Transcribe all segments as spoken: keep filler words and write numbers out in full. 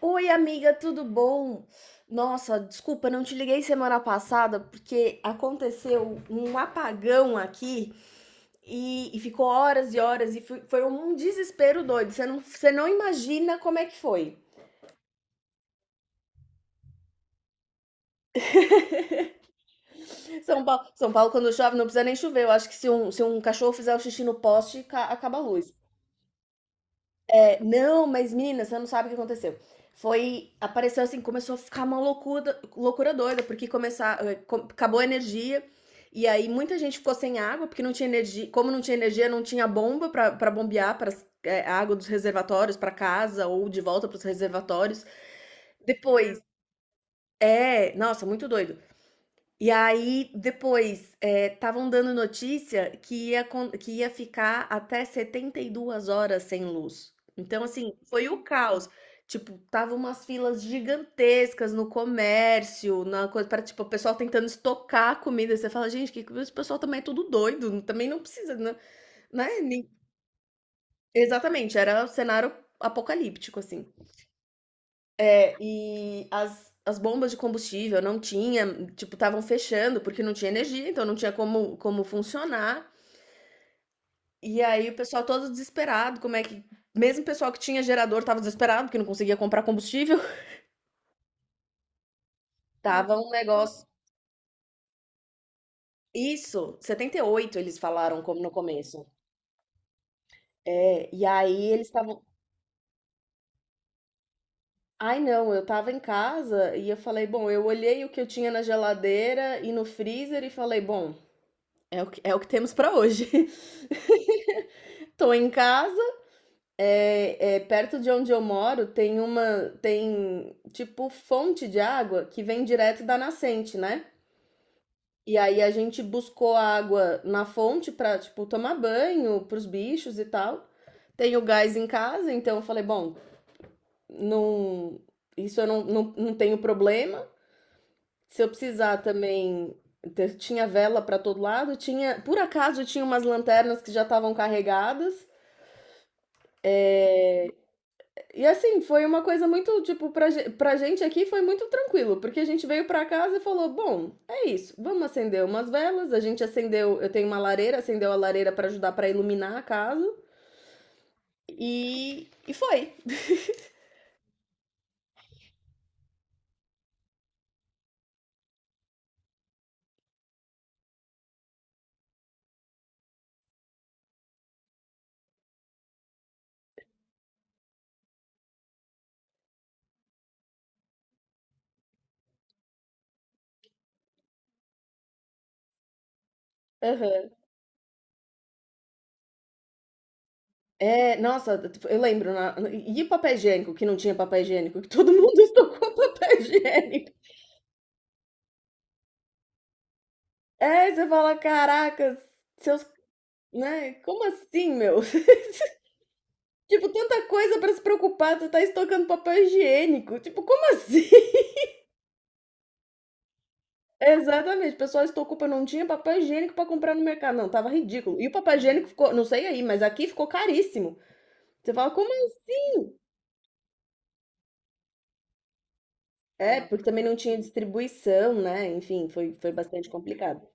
Oi, amiga, tudo bom? Nossa, desculpa, não te liguei semana passada porque aconteceu um apagão aqui e, e ficou horas e horas e foi, foi um desespero doido. Você não, você não imagina como é que foi. São Paulo, São Paulo, quando chove, não precisa nem chover. Eu acho que se um, se um cachorro fizer o xixi no poste, ca- acaba a luz. Não, mas menina, você não sabe o que aconteceu. Foi, apareceu assim, começou a ficar uma loucura, loucura doida, porque começar, eh, acabou a energia. E aí muita gente ficou sem água, porque não tinha energia, como não tinha energia, não tinha bomba pra pra bombear para a água dos reservatórios para casa ou de volta para os reservatórios. Depois, é, nossa, muito doido. E aí, depois, eh, estavam dando notícia que ia acon que ia ficar até setenta e duas horas sem luz. Então, assim, foi o caos. Tipo, tava umas filas gigantescas no comércio, na coisa para tipo, o pessoal tentando estocar a comida. Você fala: "Gente, que que esse pessoal também é tudo doido, também não precisa, né?" Né, nem exatamente, era o cenário apocalíptico, assim. É, e as, as bombas de combustível não tinha, tipo, estavam fechando porque não tinha energia, então não tinha como, como funcionar. E aí o pessoal todo desesperado, como é que. Mesmo o pessoal que tinha gerador tava desesperado, porque não conseguia comprar combustível. Tava um negócio. Isso, setenta e oito eles falaram como no começo. É, e aí eles estavam. Ai, não, eu tava em casa e eu falei, bom, eu olhei o que eu tinha na geladeira e no freezer e falei, bom, é o que, é o que temos pra hoje. Tô em casa. É, é, perto de onde eu moro tem uma, tem tipo fonte de água que vem direto da nascente, né? E aí a gente buscou água na fonte pra, tipo, tomar banho pros bichos e tal. Tenho gás em casa, então eu falei, bom, não, isso eu não, não, não tenho problema. Se eu precisar também, ter- tinha vela pra todo lado, tinha, por acaso tinha umas lanternas que já estavam carregadas. E assim, foi uma coisa muito, tipo, pra, ge- pra gente aqui foi muito tranquilo, porque a gente veio pra casa e falou: bom, é isso, vamos acender umas velas. A gente acendeu, eu tenho uma lareira, acendeu a lareira pra ajudar pra iluminar a casa. E, e foi. Aham. É, nossa, eu lembro. na- e papel higiênico, que não tinha papel higiênico, que todo mundo estocou papel higiênico. É, você fala: caracas, seus. Né? Como assim, meu? Tipo, tanta coisa pra se preocupar, tu tá estocando papel higiênico. Tipo, como assim? Exatamente, o pessoal estocou pra não tinha papel higiênico pra comprar no mercado. Não, tava ridículo. E o papel higiênico ficou, não sei aí, mas aqui ficou caríssimo. Você fala, como aí? É, porque também não tinha distribuição, né? Enfim, foi, foi bastante complicado.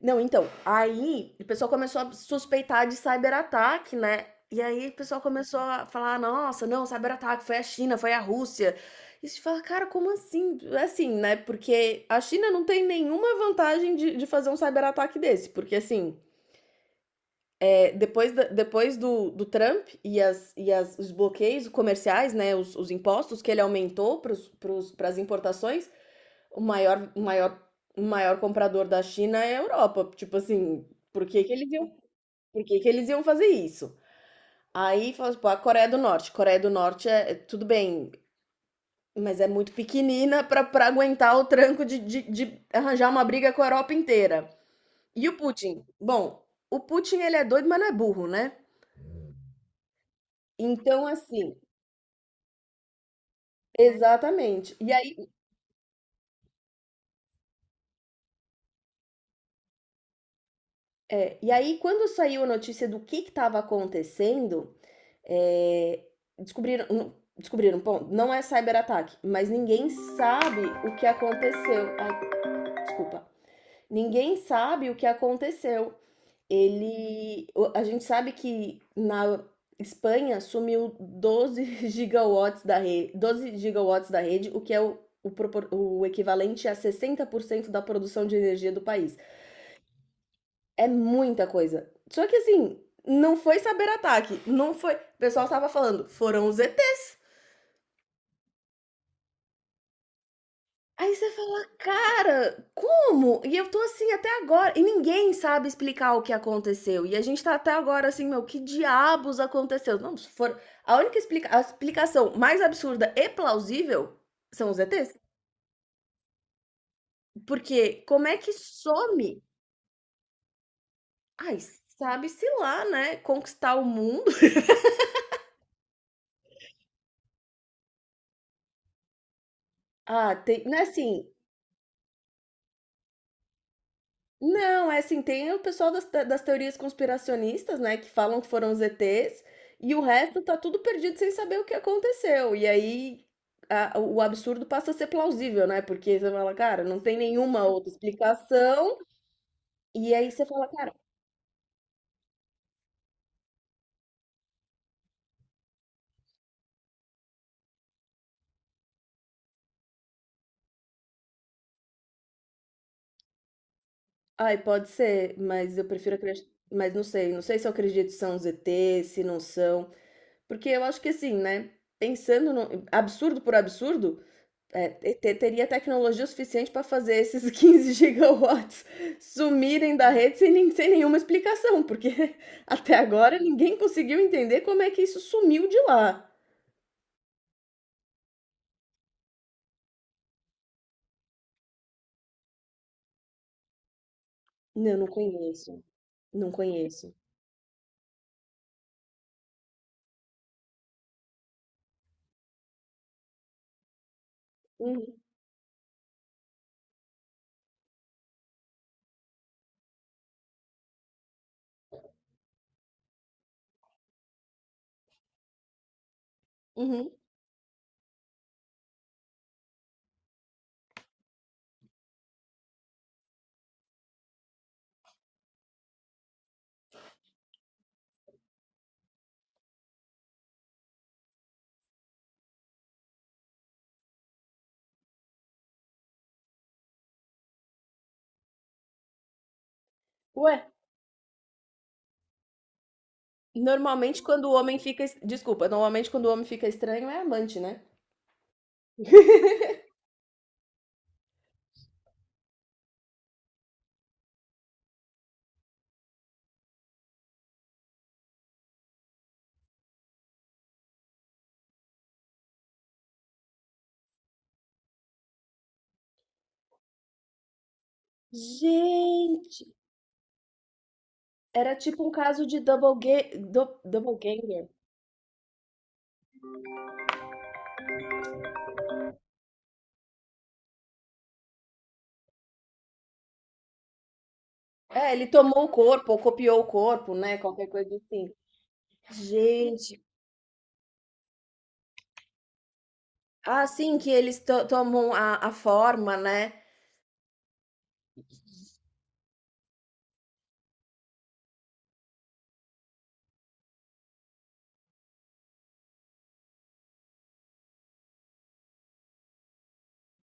Não, então, aí o pessoal começou a suspeitar de cyberataque, né? E aí o pessoal começou a falar: nossa, não, cyberataque foi a China, foi a Rússia. E você fala, cara, como assim? Assim, né? Porque a China não tem nenhuma vantagem de, de fazer um cyberataque desse. Porque, assim, é, depois, da- depois do, do Trump e, as, e as, os bloqueios comerciais, né? Os, os impostos que ele aumentou para as importações, o maior o maior o maior comprador da China é a Europa, tipo assim, por que que eles iam por que que eles iam fazer isso? Aí fala, tipo, a Coreia do Norte, Coreia do Norte é é tudo bem, mas é muito pequenina pra pra aguentar o tranco de de de arranjar uma briga com a Europa inteira. E o Putin? Bom, o Putin ele é doido, mas não é burro, né. Então assim exatamente. E aí É, e aí, quando saiu a notícia do que estava acontecendo, é, descobriram, não- descobriram, bom, não é cyberataque, mas ninguém sabe o que aconteceu. Ai, desculpa. Ninguém sabe o que aconteceu. Ele, o- a gente sabe que na Espanha sumiu doze gigawatts da rede, doze gigawatts da rede, o que é o, o propor- o equivalente a sessenta por cento da produção de energia do país. É muita coisa. Só que assim, não foi saber ataque, não foi. O pessoal tava falando, foram os E Ts. Aí você fala, cara, como? E eu tô assim até agora. E ninguém sabe explicar o que aconteceu. E a gente tá até agora assim, meu, que diabos aconteceu? Não, se for. A única explica... a explicação mais absurda e plausível são os E Ts. Porque como é que some? Ai, sabe-se lá, né? Conquistar o mundo. Ah, tem. Né, assim, não, é assim, tem o pessoal das te das teorias conspiracionistas, né, que falam que foram os E Ts, e o resto tá tudo perdido sem saber o que aconteceu. E aí a o absurdo passa a ser plausível, né, porque você fala: "Cara, não tem nenhuma outra explicação", e aí você fala: "Cara, ai, pode ser, mas eu prefiro acreditar. Mas não sei, não sei, se eu acredito se são os E Ts, se não são". Porque eu acho que assim, né, pensando no absurdo por absurdo, É, te- teria tecnologia suficiente para fazer esses quinze gigawatts sumirem da rede sem, nem- sem nenhuma explicação, porque até agora ninguém conseguiu entender como é que isso sumiu de lá. Não, não conheço. Não conheço. Uhum, uhum. Ué, normalmente quando o homem fica. es- Desculpa, normalmente quando o homem fica estranho é amante, né? Gente, era tipo um caso de double, ga du- double ganger. É, ele tomou o corpo, ou copiou o corpo, né? Qualquer coisa assim. Gente, ah, sim, que eles to tomam a a forma, né.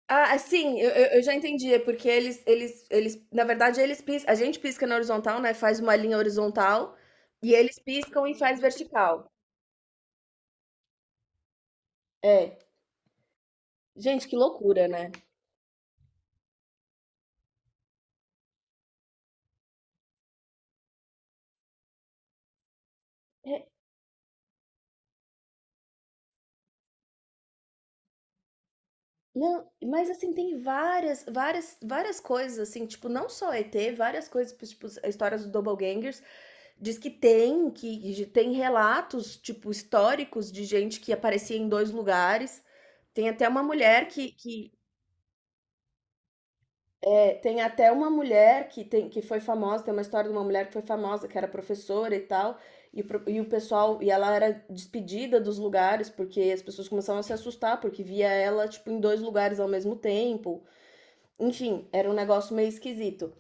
Ah, é, sim, eu eu eu já entendi, é porque eles eles eles na verdade eles pis a gente pisca na horizontal, né, faz uma linha horizontal, e eles piscam e faz vertical. É. Gente, que loucura, né. É, não, mas assim, tem várias várias várias coisas, assim, tipo, não só E T, várias coisas, tipo, as histórias do doppelgangers. Diz que tem, que tem relatos, tipo, históricos de gente que aparecia em dois lugares. Tem até uma mulher que, que é, tem até uma mulher que tem que foi famosa, tem uma história de uma mulher que foi famosa, que era professora e tal, e, o pro- e o pessoal, e ela era despedida dos lugares porque as pessoas começavam a se assustar porque via ela tipo em dois lugares ao mesmo tempo. Enfim, era um negócio meio esquisito.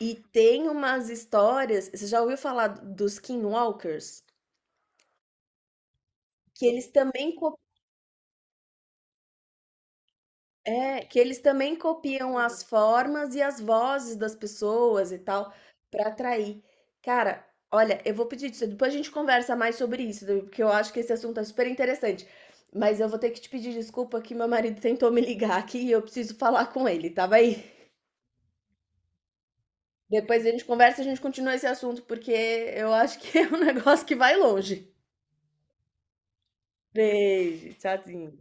E tem umas histórias, você já ouviu falar dos skinwalkers? Que eles também É, que eles também copiam as formas e as vozes das pessoas e tal, pra atrair. Cara, olha, eu vou pedir disso, depois a gente conversa mais sobre isso, porque eu acho que esse assunto é super interessante. Mas eu vou ter que te pedir desculpa que meu marido tentou me ligar aqui e eu preciso falar com ele, tá bem? Depois a gente conversa e a gente continua esse assunto, porque eu acho que é um negócio que vai longe. Beijo, tchauzinho.